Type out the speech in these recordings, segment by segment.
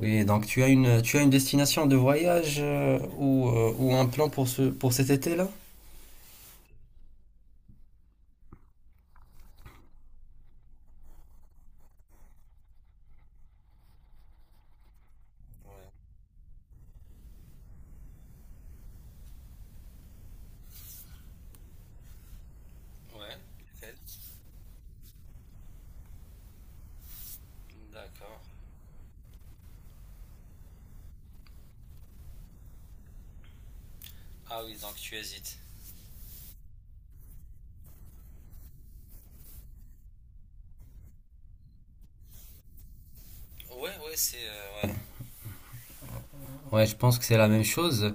Oui, donc tu as une destination de voyage ou un plan pour ce, pour cet été-là? Ouais, je pense que c'est la même chose.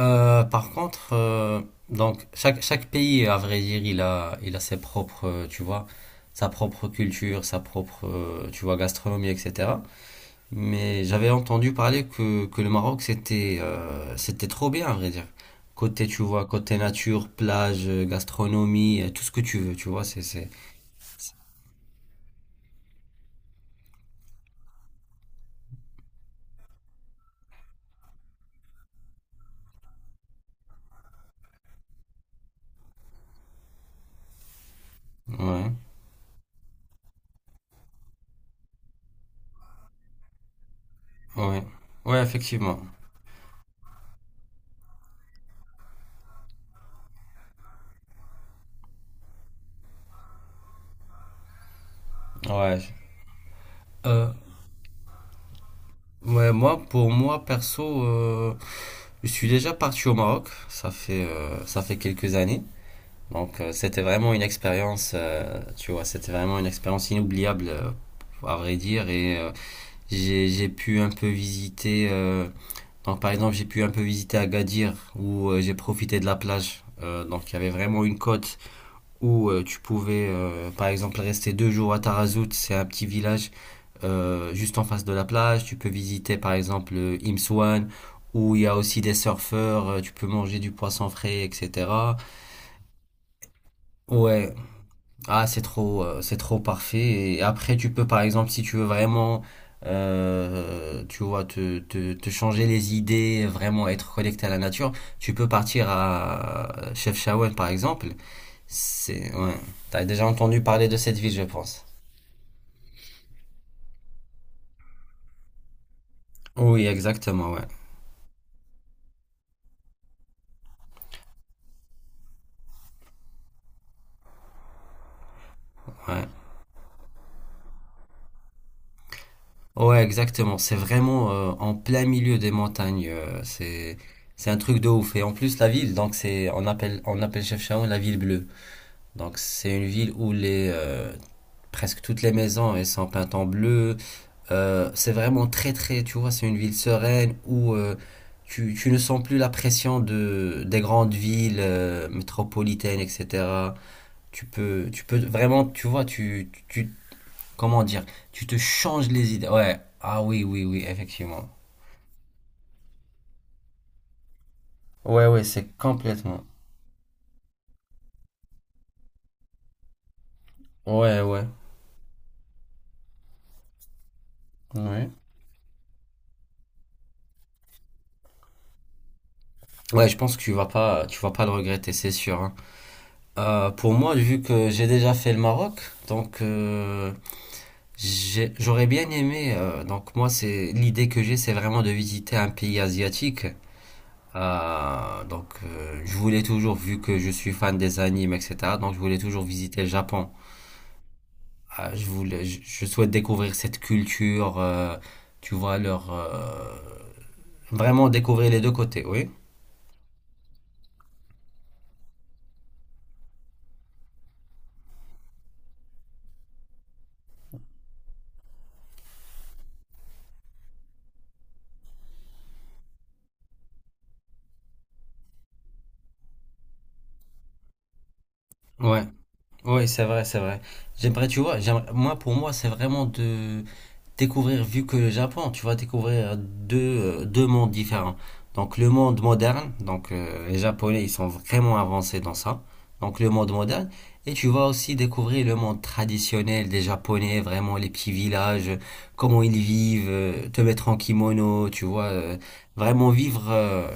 Par contre, donc chaque, chaque pays, à vrai dire, il a ses propres, tu vois, sa propre culture, sa propre, tu vois, gastronomie, etc. Mais j'avais entendu parler que le Maroc, c'était c'était trop bien, à vrai dire. Côté, tu vois, côté nature, plage, gastronomie, tout ce que tu veux, tu vois, c'est... Ouais. Ouais, ouais, effectivement. Ouais. Euh, ouais, moi, pour moi, perso, je suis déjà parti au Maroc. Ça fait quelques années. Donc, c'était vraiment une expérience, tu vois, c'était vraiment une expérience inoubliable, à vrai dire. Et j'ai pu un peu visiter. Donc, par exemple, j'ai pu un peu visiter Agadir, où j'ai profité de la plage. Donc, il y avait vraiment une côte où tu pouvais, par exemple, rester deux jours à Tarazout. C'est un petit village juste en face de la plage. Tu peux visiter par exemple le Imswan où il y a aussi des surfeurs, tu peux manger du poisson frais, etc. Ouais, ah c'est trop parfait. Et après tu peux par exemple si tu veux vraiment, tu vois, te changer les idées, vraiment être connecté à la nature, tu peux partir à Chefchaouen par exemple. C'est, ouais, t'as déjà entendu parler de cette ville je pense. Oui exactement, ouais. Ouais. Ouais, exactement. C'est vraiment en plein milieu des montagnes. C'est un truc de ouf. Et en plus la ville, donc c'est on appelle Chefchaouen la ville bleue. Donc c'est une ville où les presque toutes les maisons elles sont peintes en bleu. C'est vraiment très très. Tu vois, c'est une ville sereine où tu ne sens plus la pression de des grandes villes métropolitaines, etc. Tu peux vraiment tu vois tu comment dire? Tu te changes les idées. Ouais. Ah oui, oui, oui, effectivement. Ouais, ouais, c'est complètement. Ouais, ouais. Ouais. Ouais, je pense que tu vas pas le regretter, c'est sûr, hein. Pour moi, vu que j'ai déjà fait le Maroc, donc j'aurais bien aimé. Donc moi, c'est l'idée que j'ai, c'est vraiment de visiter un pays asiatique. Donc je voulais toujours, vu que je suis fan des animes, etc. Donc je voulais toujours visiter le Japon. Ah, je voulais, je souhaite découvrir cette culture, tu vois, leur, vraiment découvrir les deux côtés, oui. Ouais, ouais, c'est vrai, c'est vrai. J'aimerais, tu vois, moi, pour moi, c'est vraiment de, découvrir, vu que le Japon, tu vas découvrir deux, deux mondes différents. Donc le monde moderne, donc les Japonais, ils sont vraiment avancés dans ça. Donc le monde moderne, et tu vas aussi découvrir le monde traditionnel des Japonais, vraiment les petits villages, comment ils vivent, te mettre en kimono, tu vois, vraiment vivre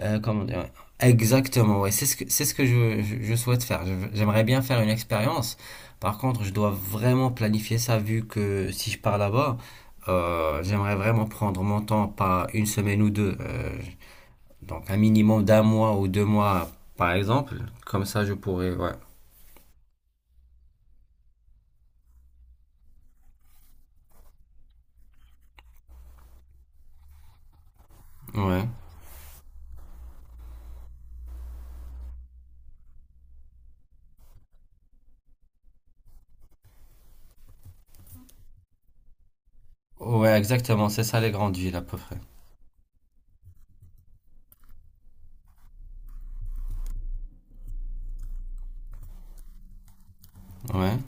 comment dire? Ouais. Exactement, ouais. C'est ce que je souhaite faire. Je J'aimerais bien faire une expérience. Par contre, je dois vraiment planifier ça vu que si je pars là-bas, j'aimerais vraiment prendre mon temps, pas une semaine ou deux. Donc un minimum d'un mois ou deux mois, par exemple. Comme ça, je pourrais, ouais. Ouais. Ouais, exactement. C'est ça les grandes villes à peu près. Ouais.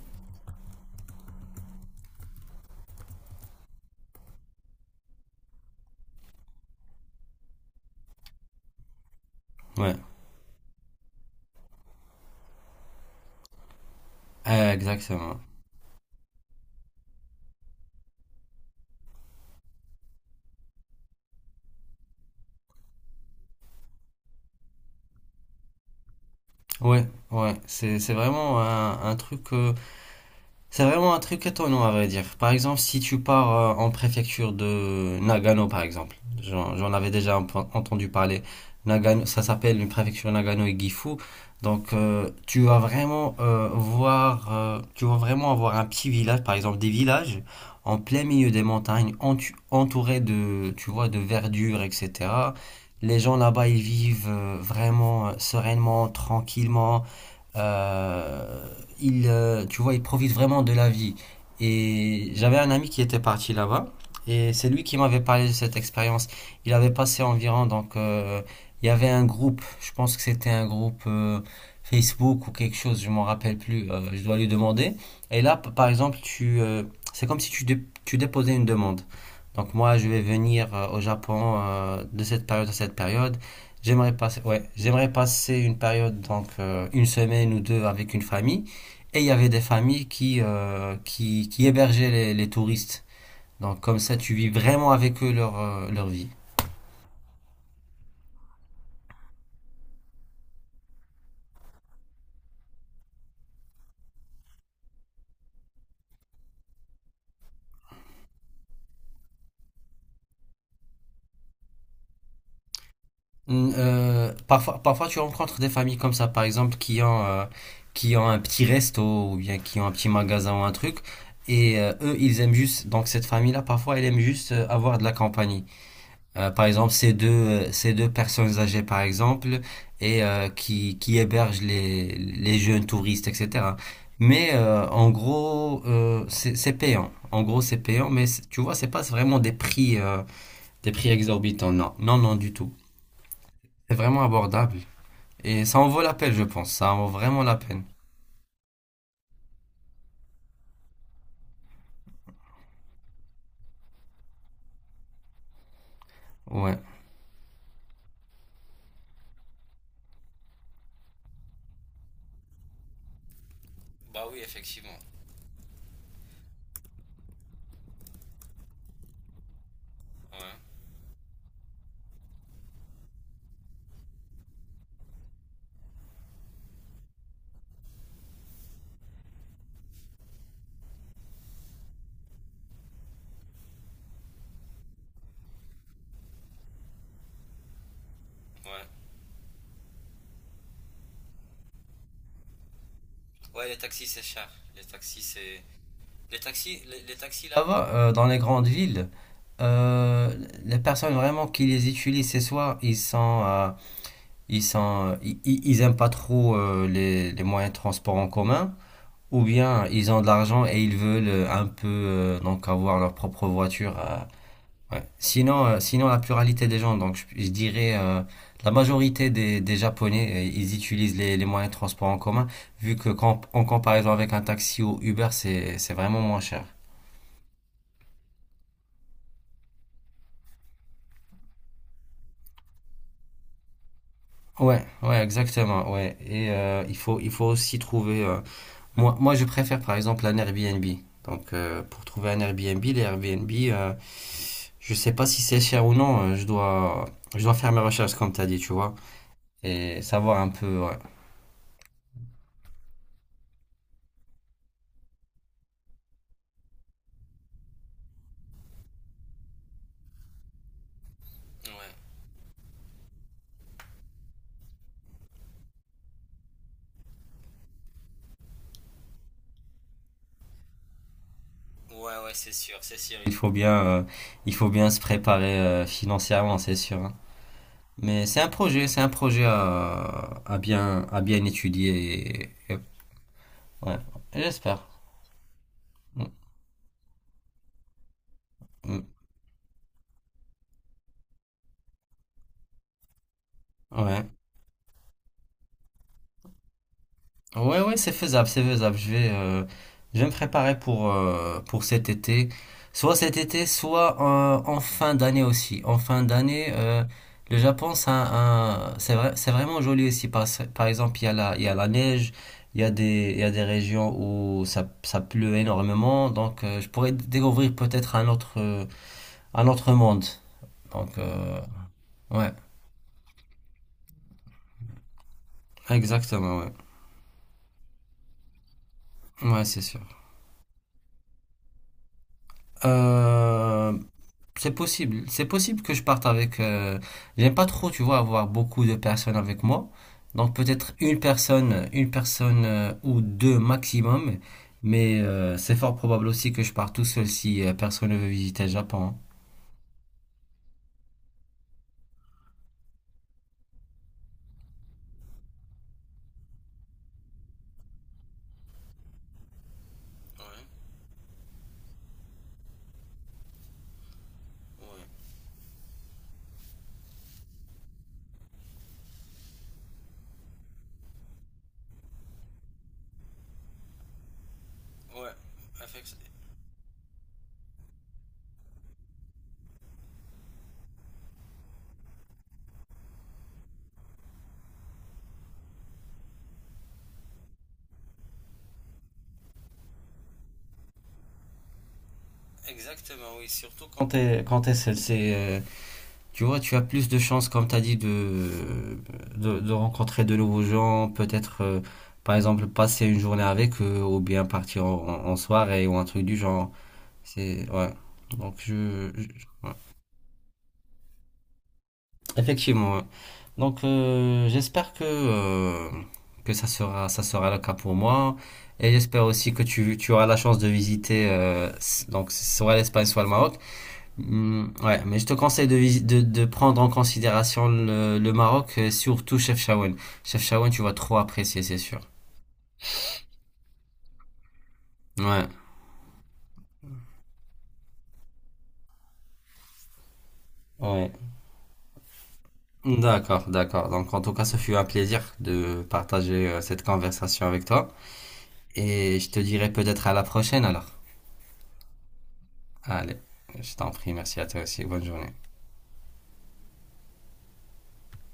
Ouais. Exactement. Ouais. Ouais. C'est vraiment un truc. C'est vraiment un truc étonnant à vrai dire. Par exemple, si tu pars en préfecture de Nagano, par exemple, j'en avais déjà un peu entendu parler. Nagano, ça s'appelle une préfecture Nagano et Gifu. Donc, tu vas vraiment voir, tu vas vraiment avoir un petit village, par exemple des villages en plein milieu des montagnes, entourés de, tu vois, de verdure, etc. Les gens là-bas, ils vivent vraiment sereinement, tranquillement. Euh, il, tu vois, il profite vraiment de la vie. Et j'avais un ami qui était parti là-bas, et c'est lui qui m'avait parlé de cette expérience. Il avait passé environ, donc, il y avait un groupe, je pense que c'était un groupe Facebook ou quelque chose, je m'en rappelle plus, je dois lui demander. Et là, par exemple, tu, c'est comme si tu, tu déposais une demande. Donc moi, je vais venir au Japon de cette période à cette période. J'aimerais passer, ouais, j'aimerais passer une période, donc une semaine ou deux avec une famille. Et il y avait des familles qui hébergeaient les touristes. Donc comme ça, tu vis vraiment avec eux leur, leur vie. Parfois, parfois, tu rencontres des familles comme ça, par exemple, qui ont un petit resto ou bien qui ont un petit magasin ou un truc. Et eux, ils aiment juste, donc cette famille-là, parfois, elle aime juste avoir de la compagnie. Par exemple, ces deux personnes âgées, par exemple, et qui hébergent les jeunes touristes, etc. Mais en gros, c'est payant. En gros, c'est payant, mais c'est- tu vois, c'est pas vraiment des prix exorbitants. Non, non, non, du tout. C'est vraiment abordable. Et ça en vaut la peine, je pense. Ça en vaut vraiment la peine. Ouais. Les taxis là-bas, dans les grandes villes, euh, les personnes vraiment qui les utilisent, c'est soit ils sont ils sont, ils aiment pas trop les moyens de transport en commun, ou bien ils ont de l'argent et ils veulent un peu donc avoir leur propre voiture. Ouais. Sinon, sinon la pluralité des gens, donc je dirais la majorité des Japonais, ils utilisent les moyens de transport en commun, vu que quand, en comparaison avec un taxi ou Uber, c'est vraiment moins cher. Ouais, ouais, exactement, ouais. Et il faut aussi trouver moi, moi, je préfère par exemple un Airbnb. Donc, pour trouver un Airbnb, les Airbnb, je sais pas si c'est cher ou non. Je dois, je dois faire mes recherches comme tu as dit, tu vois, et savoir un peu. Ouais. Ouais, ouais, ouais, c'est sûr, c'est sûr. Il faut bien se préparer financièrement, c'est sûr, hein. Mais c'est un projet à bien étudier. Ouais, j'espère. Mm, mm, Ouais. Ouais, ouais, c'est faisable, c'est faisable. Je vais me préparer pour cet été. Soit cet été, soit en fin d'année aussi. En fin d'année, le Japon, c'est un, c'est vrai, c'est vraiment joli aussi. Par, par exemple, il y a la, il y a la neige, il y a des, il y a des régions où ça pleut énormément. Donc, je pourrais découvrir peut-être un autre monde. Donc, ouais, exactement, ouais. Ouais, c'est sûr. Euh, c'est possible que je parte avec. J'aime pas trop, tu vois, avoir beaucoup de personnes avec moi. Donc peut-être une personne ou deux maximum. Mais c'est fort probable aussi que je parte tout seul si personne ne veut visiter le Japon, hein. Exactement, oui, surtout quand... quand t'es seul, c'est, tu vois, tu as plus de chances, comme t'as dit, de rencontrer de nouveaux gens, peut-être, par exemple, passer une journée avec eux, ou bien partir en, en en soirée, ou un truc du genre. C'est ouais. Donc je, ouais. Effectivement. Ouais. Donc j'espère que ça sera le cas pour moi et j'espère aussi que tu auras la chance de visiter donc soit l'Espagne soit le Maroc. Ouais, mais je te conseille de, de prendre en considération le Maroc et surtout Chefchaouen. Chefchaouen, tu vas trop apprécier, c'est sûr. Ouais. Ouais. D'accord, d'accord. Donc en tout cas, ce fut un plaisir de partager cette conversation avec toi. Et je te dirai peut-être à la prochaine alors. Allez, je t'en prie, merci à toi aussi. Bonne journée.